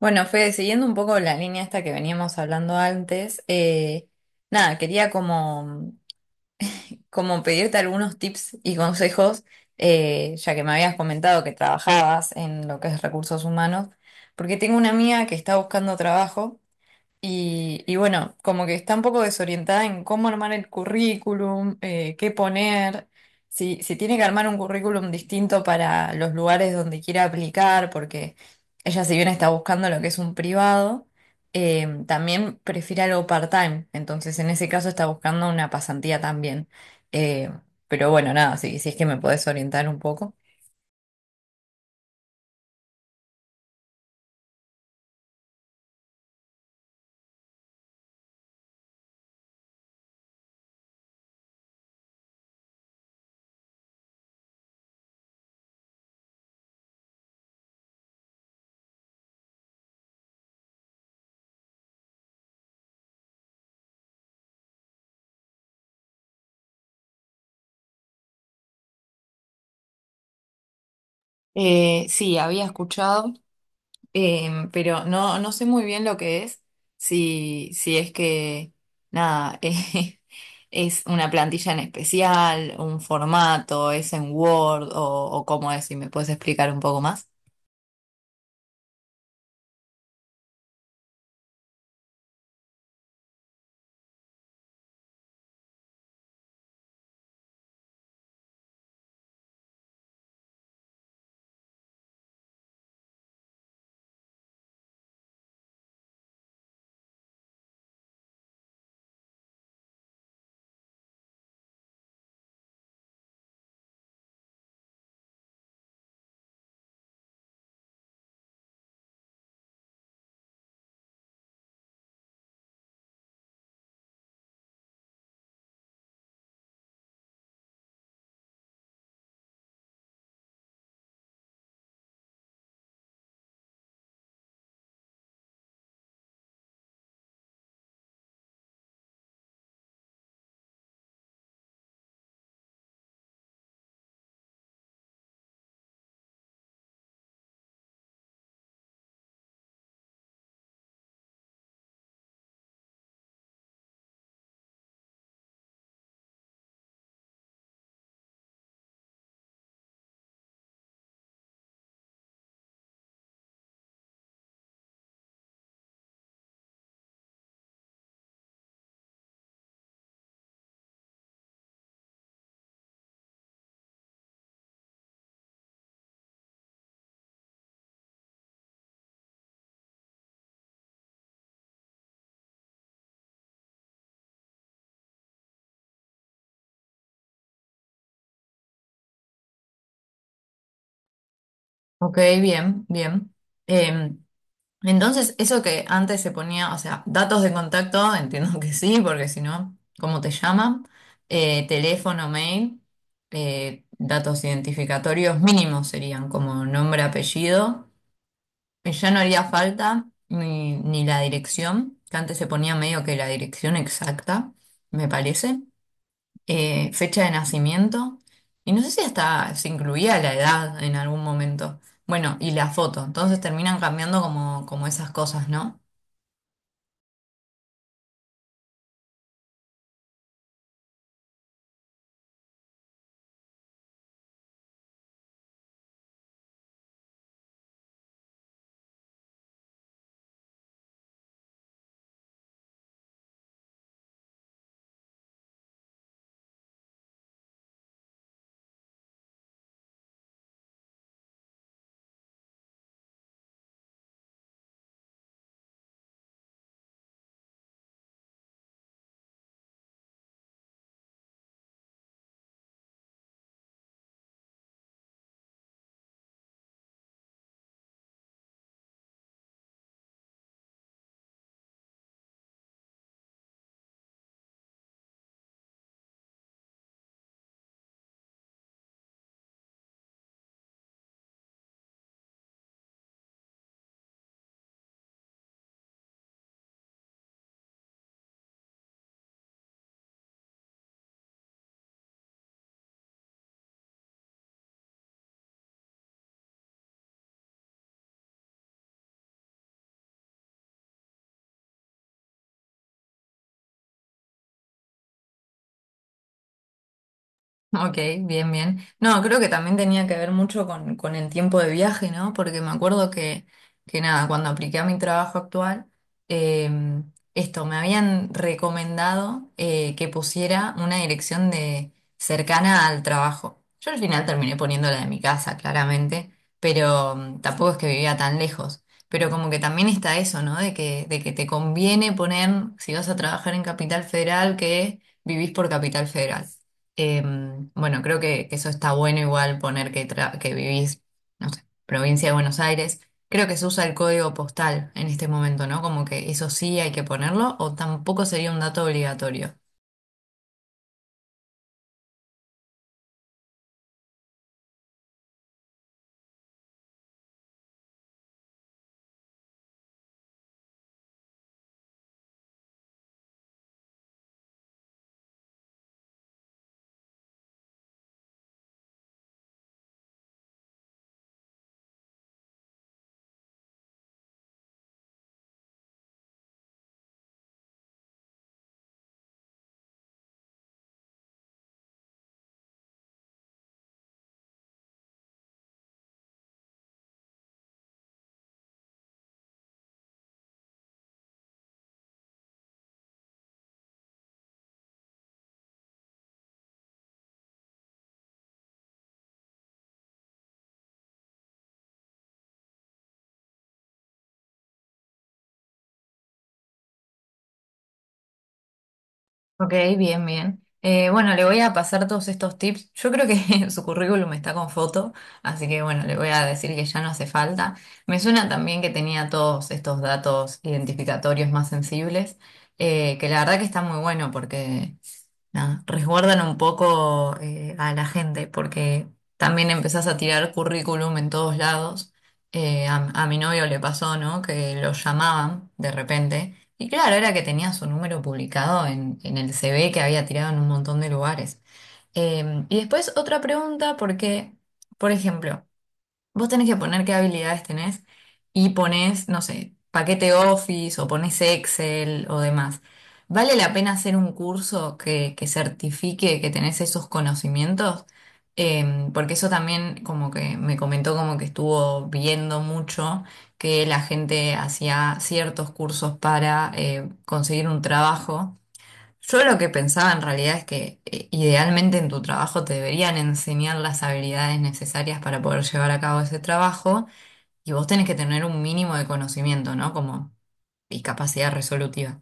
Bueno, Fede, siguiendo un poco la línea esta que veníamos hablando antes, nada, quería como pedirte algunos tips y consejos, ya que me habías comentado que trabajabas en lo que es recursos humanos, porque tengo una amiga que está buscando trabajo y bueno, como que está un poco desorientada en cómo armar el currículum, qué poner, si tiene que armar un currículum distinto para los lugares donde quiera aplicar, porque ella si bien está buscando lo que es un privado, también prefiere algo part-time, entonces en ese caso está buscando una pasantía también. Eh, pero bueno, nada, si es que me podés orientar un poco. Sí, había escuchado. Pero no, no sé muy bien lo que es, si es que, nada, es una plantilla en especial, un formato, ¿es en Word, o cómo es? Si me puedes explicar un poco más. Ok, bien, bien. Eh, entonces, eso que antes se ponía, o sea, datos de contacto, entiendo que sí, porque si no, ¿cómo te llaman? Teléfono, mail, datos identificatorios mínimos serían como nombre, apellido. Y ya no haría falta ni la dirección, que antes se ponía medio que la dirección exacta, me parece, fecha de nacimiento, y no sé si hasta se incluía la edad en algún momento. Bueno, y la foto, entonces terminan cambiando como esas cosas, ¿no? Ok, bien, bien. No, creo que también tenía que ver mucho con el tiempo de viaje, ¿no? Porque me acuerdo que nada, cuando apliqué a mi trabajo actual, eh, esto, me habían recomendado que pusiera una dirección de cercana al trabajo. Yo al final terminé poniendo la de mi casa, claramente, pero tampoco es que vivía tan lejos. Pero como que también está eso, ¿no? De que te conviene poner, si vas a trabajar en Capital Federal, que vivís por Capital Federal. Bueno, creo que eso está bueno igual poner que, que vivís, no sé, provincia de Buenos Aires. Creo que se usa el código postal en este momento, ¿no? Como que eso sí hay que ponerlo o tampoco sería un dato obligatorio. Ok, bien, bien. Bueno, le voy a pasar todos estos tips. Yo creo que su currículum está con foto, así que bueno, le voy a decir que ya no hace falta. Me suena también que tenía todos estos datos identificatorios más sensibles, que la verdad que está muy bueno porque, nada, resguardan un poco a la gente porque también empezás a tirar currículum en todos lados. A mi novio le pasó, ¿no? Que lo llamaban de repente. Y claro, era que tenía su número publicado en el CV que había tirado en un montón de lugares. Y después otra pregunta porque, por ejemplo, vos tenés que poner qué habilidades tenés y pones, no sé, paquete Office o pones Excel o demás. ¿Vale la pena hacer un curso que certifique que tenés esos conocimientos? Em, porque eso también como que me comentó como que estuvo viendo mucho que la gente hacía ciertos cursos para conseguir un trabajo. Yo lo que pensaba en realidad es que idealmente en tu trabajo te deberían enseñar las habilidades necesarias para poder llevar a cabo ese trabajo, y vos tenés que tener un mínimo de conocimiento, ¿no? Como y capacidad resolutiva.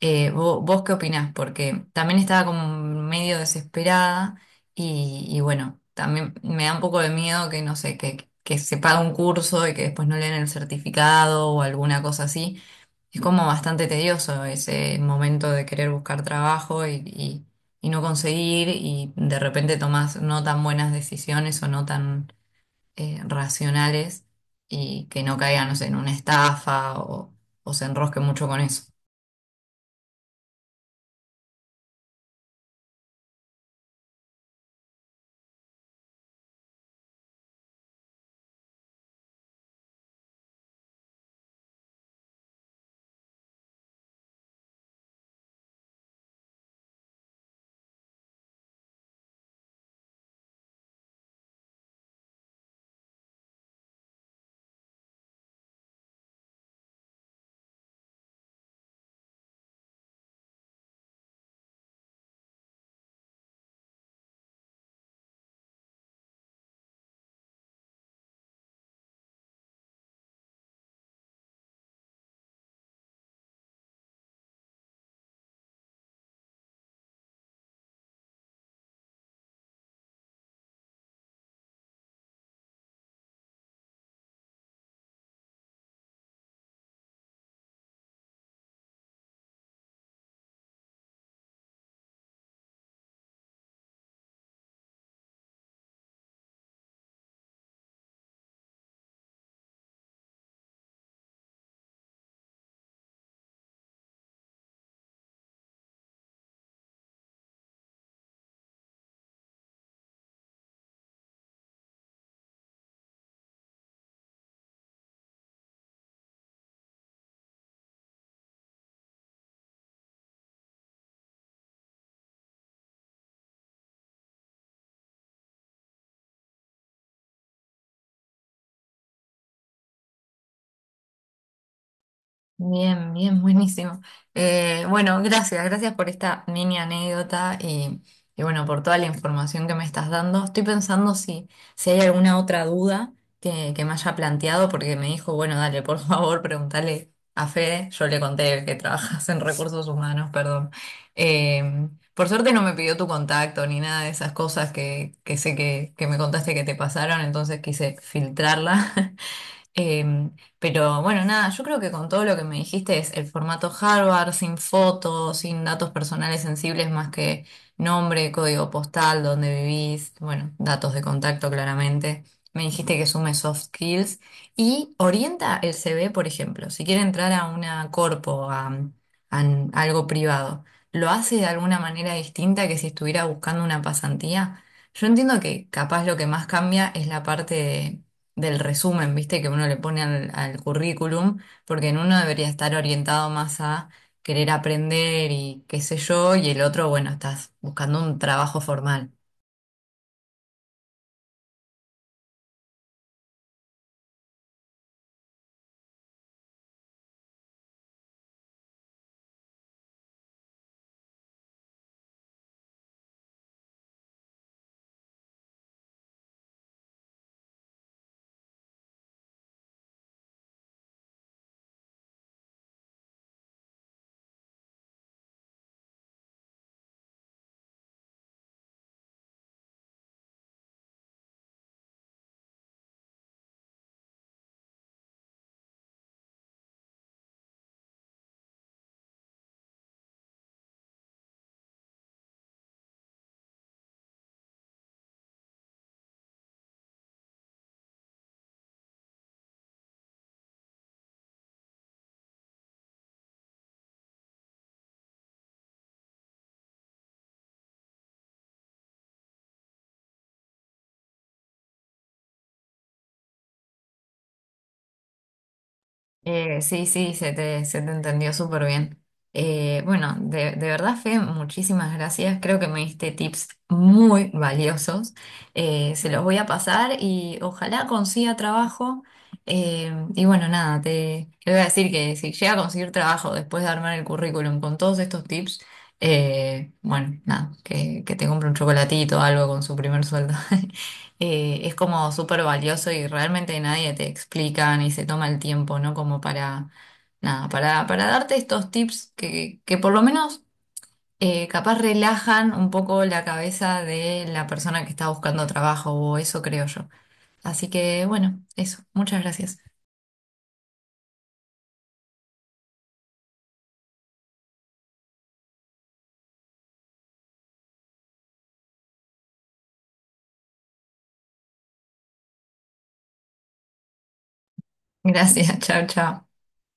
Vos, ¿qué opinás? Porque también estaba como medio desesperada y bueno, también me da un poco de miedo que no sé, que se paga un curso y que después no le den el certificado o alguna cosa así. Es como bastante tedioso ese momento de querer buscar trabajo y no conseguir, y de repente tomás no tan buenas decisiones o no tan racionales y que no caigan, no sé, en una estafa o se enrosque mucho con eso. Bien, bien, buenísimo. Bueno, gracias, gracias por esta mini anécdota y bueno, por toda la información que me estás dando. Estoy pensando si, si hay alguna otra duda que me haya planteado, porque me dijo, bueno, dale, por favor, pregúntale a Fede. Yo le conté que trabajas en recursos humanos, perdón. Por suerte no me pidió tu contacto ni nada de esas cosas que sé que me contaste que te pasaron, entonces quise filtrarla. Em, pero bueno, nada, yo creo que con todo lo que me dijiste es el formato Harvard, sin fotos, sin datos personales sensibles más que nombre, código postal, dónde vivís, bueno, datos de contacto claramente. Me dijiste que sume soft skills y orienta el CV, por ejemplo, si quiere entrar a una corpo, a algo privado, ¿lo hace de alguna manera distinta que si estuviera buscando una pasantía? Yo entiendo que capaz lo que más cambia es la parte de del resumen, ¿viste? Que uno le pone al currículum, porque en uno debería estar orientado más a querer aprender y qué sé yo, y el otro, bueno, estás buscando un trabajo formal. Sí, sí, se te entendió súper bien. Bueno, de verdad, Fe, muchísimas gracias. Creo que me diste tips muy valiosos. Se los voy a pasar y ojalá consiga trabajo. Y bueno, nada, te voy a decir que si llega a conseguir trabajo después de armar el currículum con todos estos tips, bueno, nada, que te compre un chocolatito o algo con su primer sueldo. Eh, es como súper valioso y realmente nadie te explica ni se toma el tiempo, ¿no? Como para, nada, para darte estos tips que por lo menos capaz relajan un poco la cabeza de la persona que está buscando trabajo, o eso creo yo. Así que bueno, eso, muchas gracias. Gracias, chao, chao.